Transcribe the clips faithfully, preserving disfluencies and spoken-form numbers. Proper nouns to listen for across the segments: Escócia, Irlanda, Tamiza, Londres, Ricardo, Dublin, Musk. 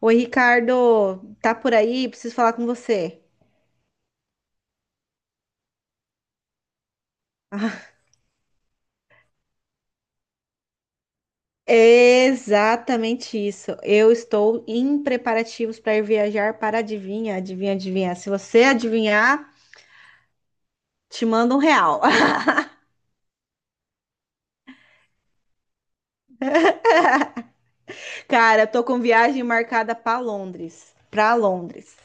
Oi, Ricardo, tá por aí? Preciso falar com você. Ah, é exatamente isso. Eu estou em preparativos para ir viajar para adivinha, adivinha, adivinha. Se você adivinhar, te mando um real. Cara, eu tô com viagem marcada para Londres, para Londres.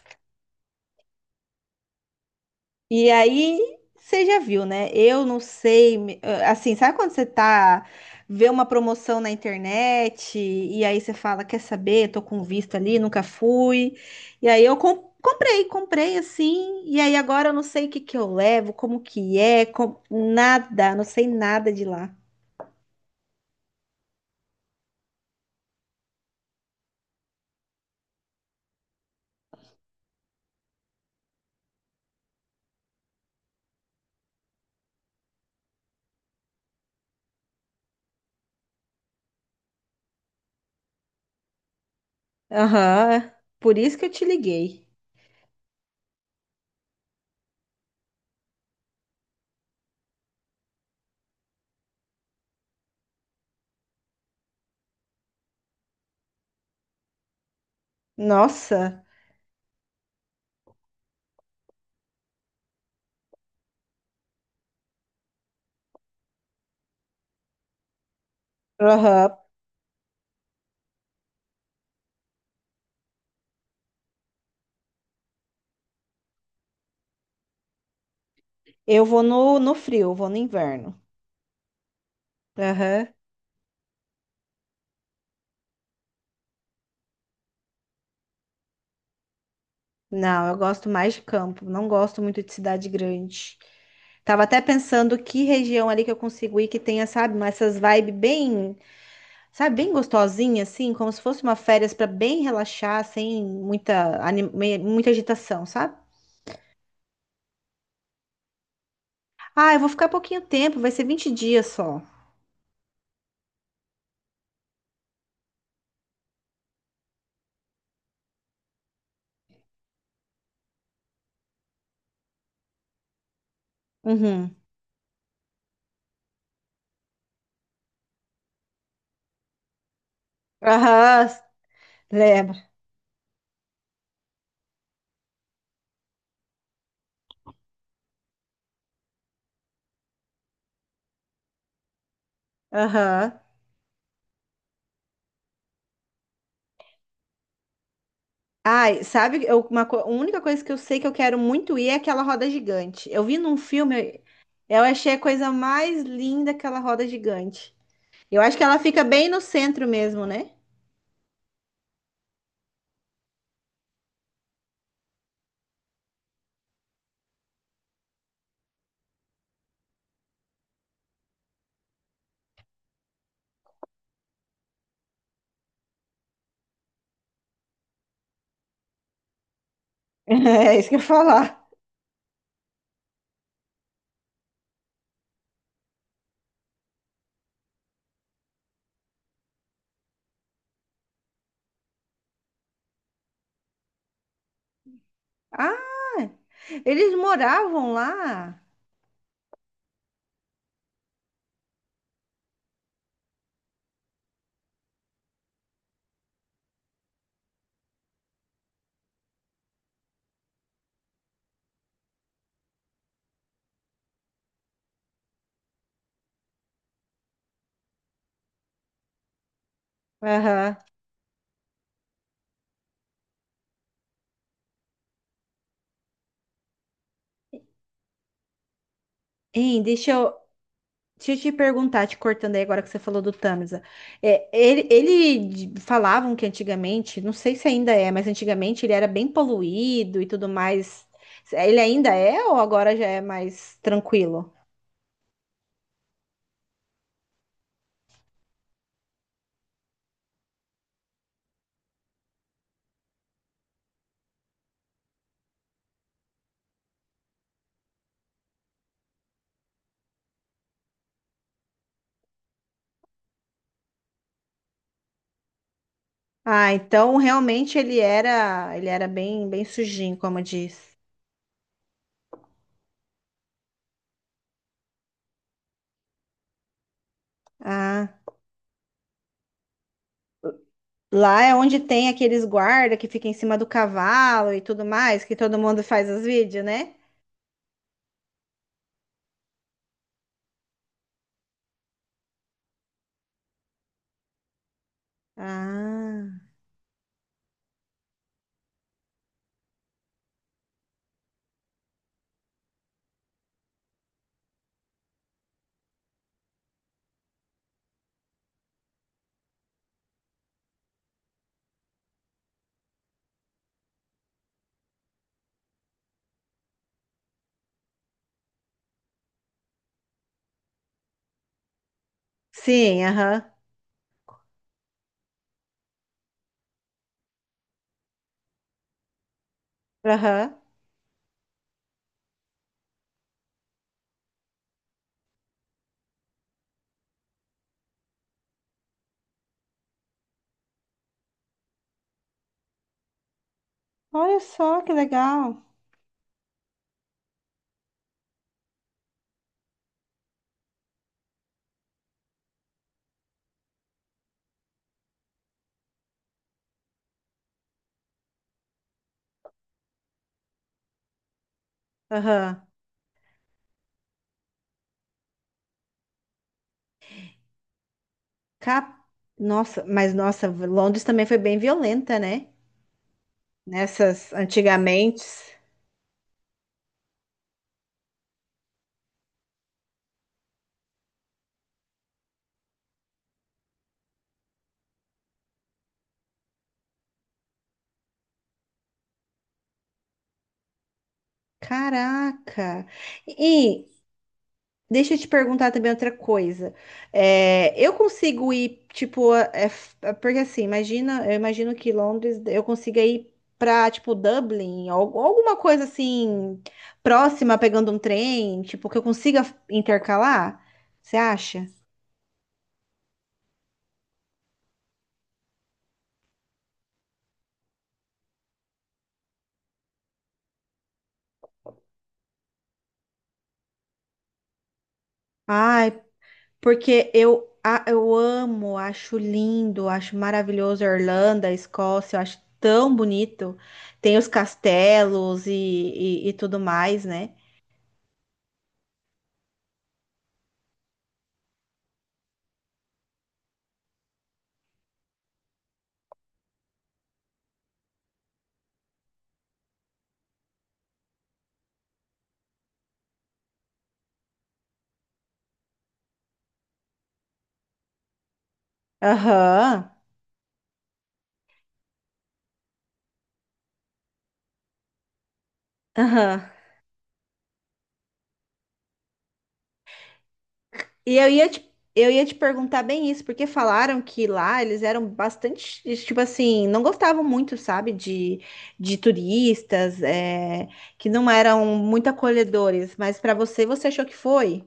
E aí, você já viu, né? Eu não sei, me- ah, assim, sabe quando você tá vê uma promoção na internet e aí você fala, quer saber? Tô com visto ali, nunca fui. E aí eu com- comprei, comprei assim, e aí agora eu não sei o que que eu levo, como que é, com- nada, não sei nada de lá. Aham. Por isso que eu te liguei. Nossa. Aham. Eu vou no, no frio, eu vou no inverno. Aham. Não, eu gosto mais de campo, não gosto muito de cidade grande. Tava até pensando que região ali que eu consigo ir que tenha, sabe, uma- essas vibes bem, sabe, bem gostosinha, assim, como se fosse uma férias para bem relaxar, sem muita, ani- me- muita agitação, sabe? Ah, eu vou ficar pouquinho tempo, vai ser vinte dias só. Uhum. Aham, lembro. Aham. Ai, sabe, eu- uma, co- a única coisa que eu sei que eu quero muito ir é aquela roda gigante. Eu vi num filme, eu achei a coisa mais linda aquela roda gigante. Eu acho que ela fica bem no centro mesmo, né? É isso que eu ia falar. Ah, eles moravam lá. Aham. Hein, deixa eu. Deixa eu te perguntar, te cortando aí agora que você falou do Tamiza. É, ele, ele de- falavam que antigamente, não sei se ainda é, mas antigamente ele era bem poluído e tudo mais. Ele ainda é ou agora já é mais tranquilo? Ah, então realmente ele era, ele era bem, bem sujinho, como diz. Ah, lá é onde tem aqueles guarda que fica em cima do cavalo e tudo mais, que todo mundo faz os vídeos, né? Ah, sim, aham, aham. Olha só que legal. Aham. Cap... Nossa, mas nossa, Londres também foi bem violenta, né? Nessas antigamente. Caraca. E deixa eu te perguntar também outra coisa. É, eu consigo ir, tipo, a- é f- porque assim, imagina, eu imagino que Londres eu consiga ir pra, tipo, Dublin, ou ou alguma coisa assim, próxima, pegando um trem, tipo, que eu consiga intercalar. Você acha? Ai, porque eu, a- eu amo, acho lindo, acho maravilhoso a Irlanda, a Escócia, eu acho tão bonito. Tem os castelos e, e, e tudo mais, né? Aham, aham. E eu ia te, eu ia te perguntar bem isso, porque falaram que lá eles eram bastante, tipo assim, não gostavam muito, sabe, de, de turistas, é, que não eram muito acolhedores, mas para você, você achou que foi?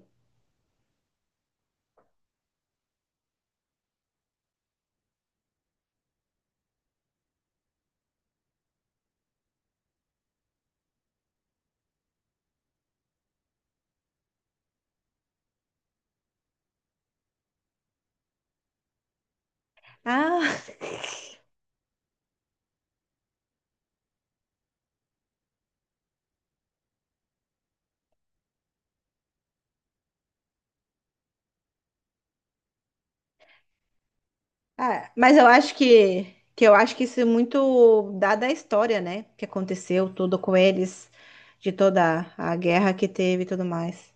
Ah, ah, mas eu acho que, que eu acho que isso é muito dado à história, né? Que aconteceu tudo com eles, de toda a guerra que teve e tudo mais.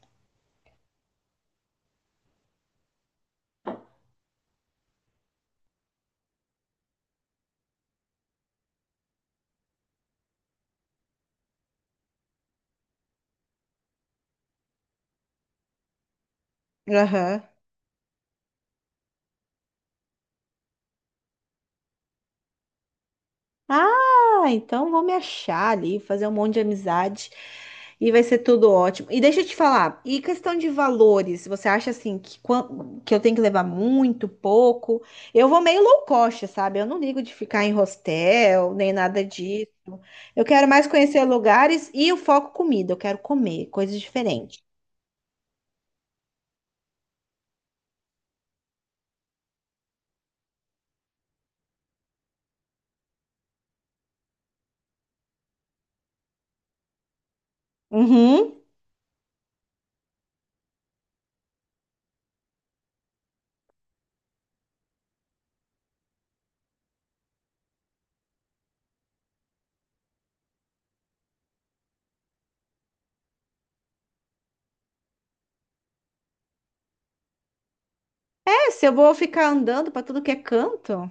Aham. Ah, então vou me achar ali, fazer um monte de amizade e vai ser tudo ótimo. E deixa eu te falar, e questão de valores, você acha assim que, quan- que eu tenho que levar muito, pouco? Eu vou meio low cost, sabe? Eu não ligo de ficar em hostel, nem nada disso. Eu quero mais conhecer lugares e o foco comida, eu quero comer coisas diferentes. Uhum. É, se eu vou ficar andando para tudo que é canto.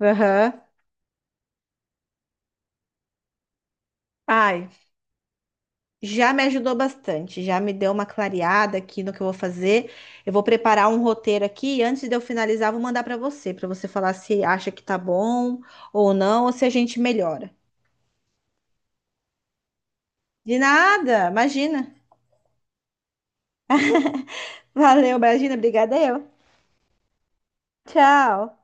Aham. Ai, já me ajudou bastante, já me deu uma clareada aqui no que eu vou fazer. Eu vou preparar um roteiro aqui e antes de eu finalizar, vou mandar para você, para você falar se acha que tá bom ou não, ou se a gente melhora. De nada, imagina. Valeu, imagina, obrigada eu. Tchau.